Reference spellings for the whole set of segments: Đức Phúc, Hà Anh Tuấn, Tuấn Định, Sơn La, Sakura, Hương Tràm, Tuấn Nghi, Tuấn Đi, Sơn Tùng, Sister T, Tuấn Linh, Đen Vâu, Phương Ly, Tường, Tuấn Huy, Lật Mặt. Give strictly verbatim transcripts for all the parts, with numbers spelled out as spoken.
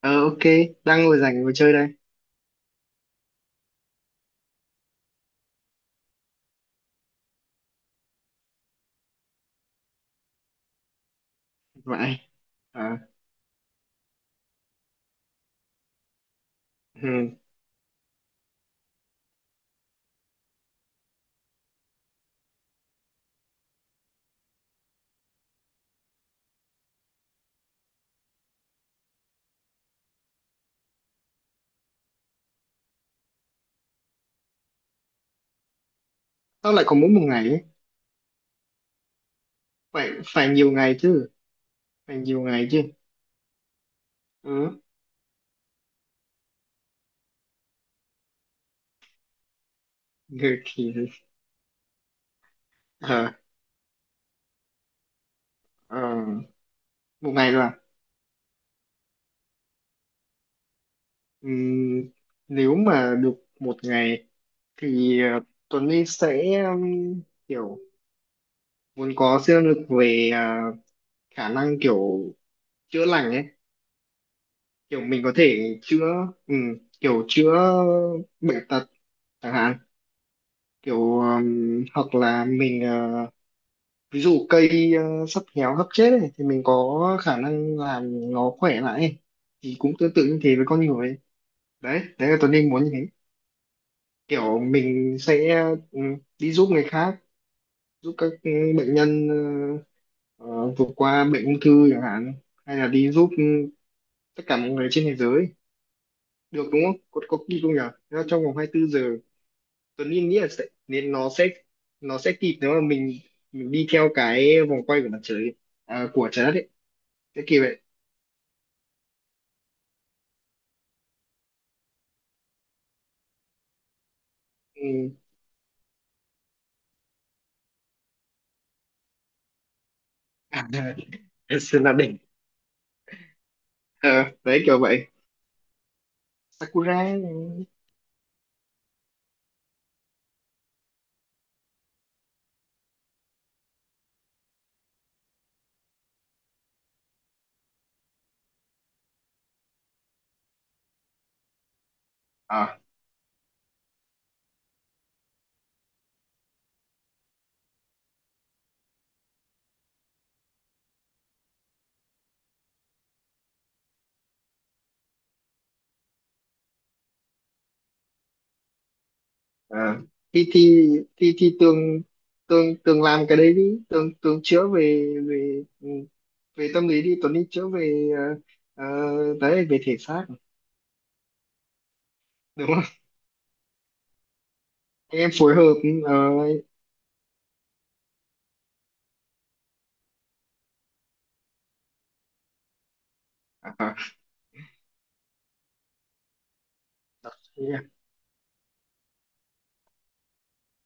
Ờ, ok, đang ngồi rảnh ngồi chơi đây. Vậy. À, ừ. Tao lại có mỗi một ngày ấy. Phải phải nhiều ngày chứ. Phải nhiều ngày chứ. Ừ. Người thì ờ ờ, một ngày là Ừm, nếu mà được một ngày thì, ờ, Tuấn Linh sẽ, ừm, kiểu muốn có siêu năng lực về, à, khả năng kiểu chữa lành ấy, kiểu mình có thể chữa, ừm, kiểu chữa bệnh tật chẳng hạn, kiểu, ừm, hoặc là mình, ờ, ví dụ cây, ờ, sắp héo sắp chết ấy, thì mình có khả năng làm nó khỏe lại ấy, thì cũng tương tự như thế với con người ấy. Đấy, đấy là Tuấn Linh muốn như thế. Kiểu mình sẽ, ừm, đi giúp người khác, giúp các, ừ, bệnh nhân, ờ, ờ, vượt qua bệnh ung thư chẳng hạn, hay là đi giúp, ừ, tất cả mọi người trên thế giới được, đúng không? Có, có kỳ không nhỉ? Thế là trong vòng hai mươi bốn giờ Tuấn Linh nghĩ là sẽ, nên nó sẽ nó sẽ kịp, nếu mà mình mình đi theo cái vòng quay của mặt trời, à, của trái đất ấy, sẽ kịp vậy. Ừ. À, Sơn La đỉnh. Ờ, đấy kiểu vậy. Sakura này. À, à. thì thì thì thì tường tường tường làm cái đấy đi, tường tường chữa về về ừ, về tâm lý đi, Tuấn Linh chữa về, ờ, ờ, đấy, về thể xác, đúng không? Anh em phối hợp. ừ, ờ,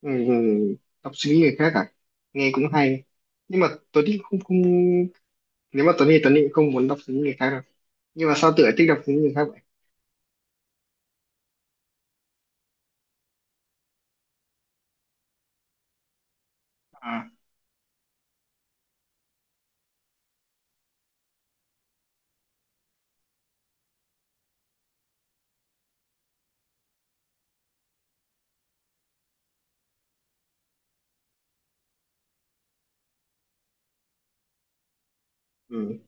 ừ, đọc suy nghĩ người khác à? Nghe cũng hay. Nhưng mà Tuấn Định không, không, nếu mà Tuấn Định Tuấn Định không muốn đọc suy nghĩ người khác đâu. Nhưng mà sao tựa thích đọc suy nghĩ người khác vậy? À. Ừ.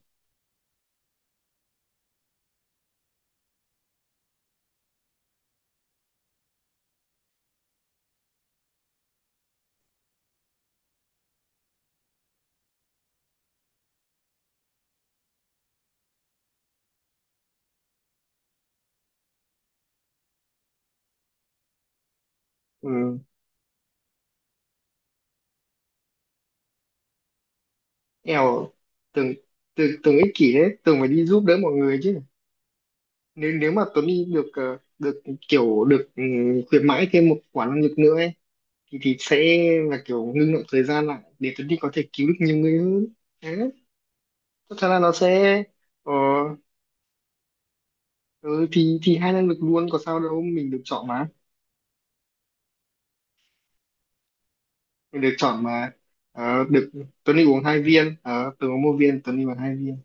Ừ. Eo, tưởng tưởng tưởng ích kỷ đấy, tưởng phải đi giúp đỡ mọi người chứ. Nếu nếu mà Tuấn Đi được, ờ, được kiểu được ừ, khuyến mãi thêm một quả năng lực nữa ấy, thì thì sẽ là kiểu ngưng động thời gian lại, để Tuấn Đi có thể cứu được nhiều người hơn đấy. Thật ra là nó sẽ ờ, ừ, thì thì hai năng lực luôn, có sao đâu, mình được chọn mà, mình được chọn mà. Ờ, được. Tuấn đi uống hai viên. Ờ, Tường uống một viên, Tuấn đi uống hai viên.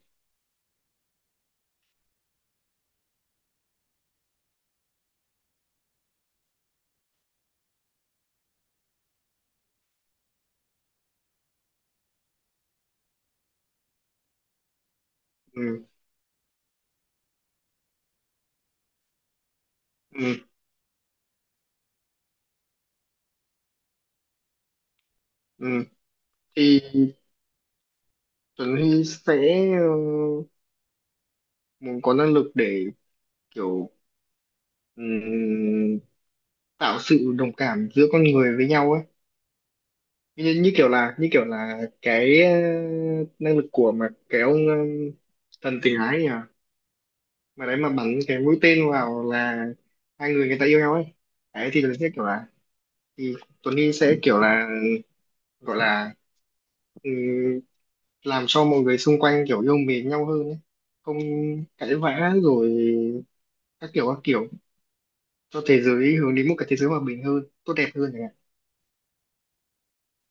Ừ, ừ, ừ. Thì Tuấn Huy sẽ, ờ, muốn có năng lực để kiểu, ừm, tạo sự đồng cảm giữa con người với nhau ấy. Như, như kiểu là như kiểu là cái, ờ, năng lực của mà cái ông, ờ, thần tình ái nhỉ, mà đấy mà bắn cái mũi tên vào là hai người, người ta yêu nhau ấy. Đấy thì nó sẽ kiểu là, thì Tuấn Nghi sẽ kiểu là, gọi là, ừm, làm cho mọi người xung quanh kiểu yêu mến nhau hơn ấy. Không cãi vã rồi, các kiểu, các kiểu, cho thế giới hướng đến một cái thế giới hòa bình hơn, tốt đẹp hơn chẳng hạn.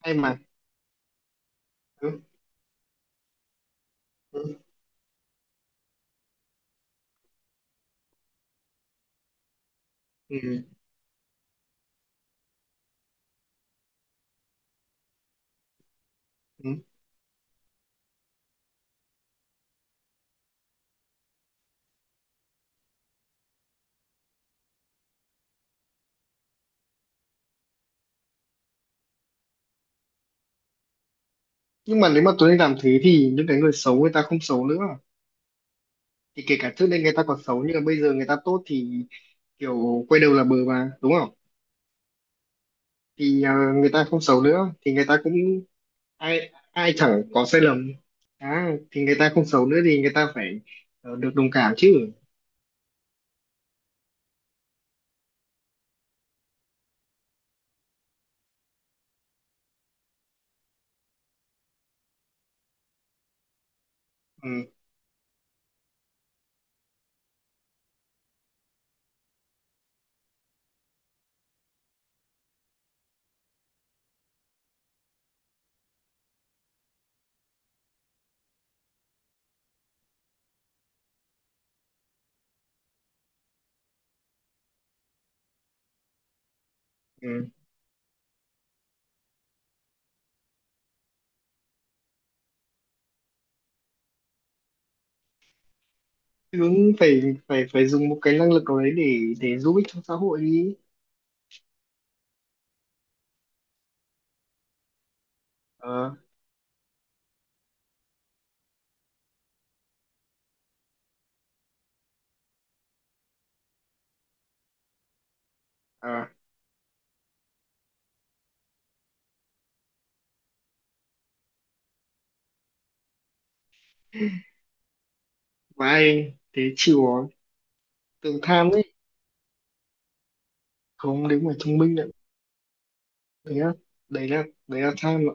Hay mà. Ừ, ừ, ừ, ừ. Nhưng mà nếu mà Tuấn Nghi làm thế thì những cái người xấu, người ta không xấu nữa, thì kể cả trước đây người ta còn xấu nhưng mà bây giờ người ta tốt thì kiểu quay đầu là bờ mà, đúng không? Thì, ờ, người ta không xấu nữa thì người ta cũng, ai ai chẳng có sai lầm. À, thì người ta không xấu nữa thì người ta phải, ờ, được đồng cảm chứ. Ừ, ừ. Đúng, phải phải phải dùng một cái năng lực nào đấy để để giúp ích cho xã hội đi. ờ à, mà ai thế chịu rồi. Tự tham đấy. Không, nếu mà thông minh nữa. Thế á? Đấy là đấy là tham ạ.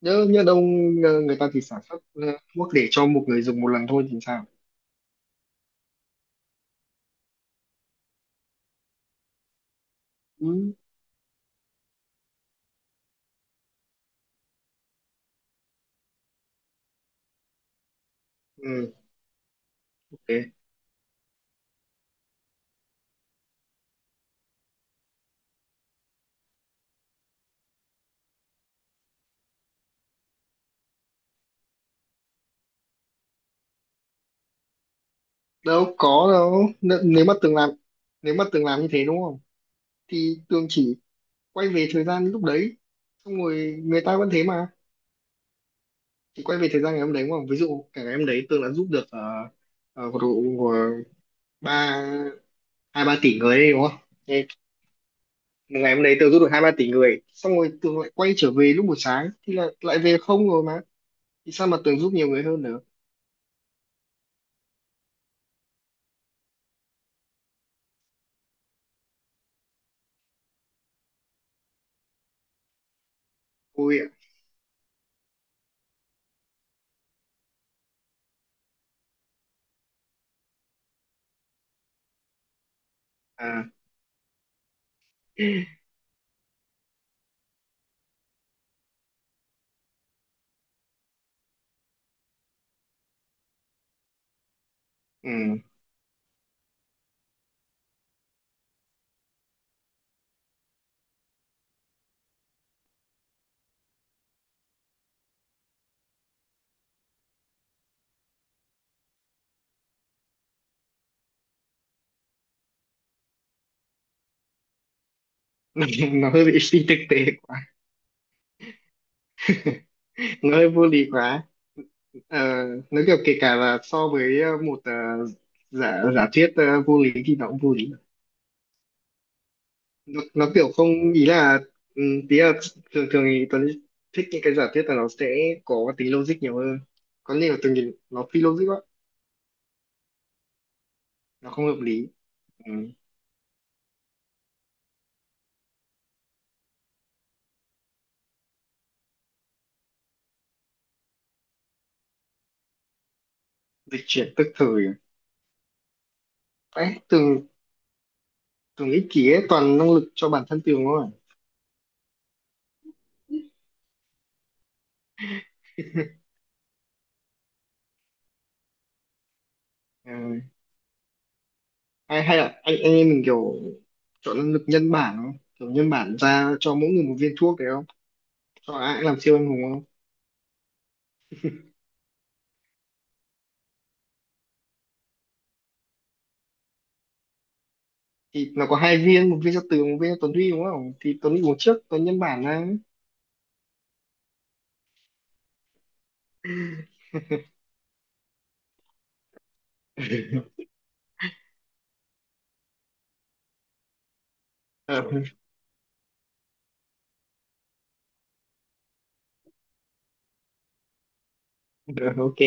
Nhớ nhớ đâu. ờ, người ta thì sản xuất, ờ, thuốc để cho một người dùng một lần thôi thì sao? Ừ, ừ, ok. Đâu có đâu. N nếu mà từng làm nếu mà từng làm như thế đúng không? Thì Tường chỉ quay về thời gian lúc đấy, xong rồi người ta vẫn thế mà, chỉ quay về thời gian ngày hôm đấy mà, ví dụ cả ngày hôm đấy Tường đã giúp được, uh, uh, ba hai ba tỷ người đấy, đúng không? Thế một ngày hôm đấy Tường giúp được hai ba tỷ người, xong rồi Tường lại quay trở về lúc buổi sáng thì lại lại về không rồi mà, thì sao mà Tường giúp nhiều người hơn nữa? Ôi ạ. À, ừ. Nó hơi bị phi thực tế quá. Nó hơi vô lý quá. Ờ, nếu kiểu kể cả là so với, ờ, một, ờ, giả giả thuyết, ờ, vô lý thì nó cũng vô lý. Nó, nó kiểu không, ý là, ừm, tí là thường thường thì Tuấn thích những cái giả thuyết là nó sẽ có tính logic nhiều hơn, có nhiều từng nhìn nó phi logic quá. Nó không hợp lý. Ừ. Dịch chuyển tức thời à? Ấy từng từng ích kỷ ấy, toàn năng lực cho bản thân tường thôi. À? Ừ. hay hay là anh anh em mình kiểu chọn năng lực nhân bản không, kiểu nhân bản ra cho mỗi người một viên thuốc đấy không, cho ai cũng làm siêu anh hùng không? Thì nó có hai viên, một viên cho Tường, một viên cho Tuấn Huy, đúng không? Thì Tuấn Huy uống trước, Tuấn nhân bản ra. Ờ, ok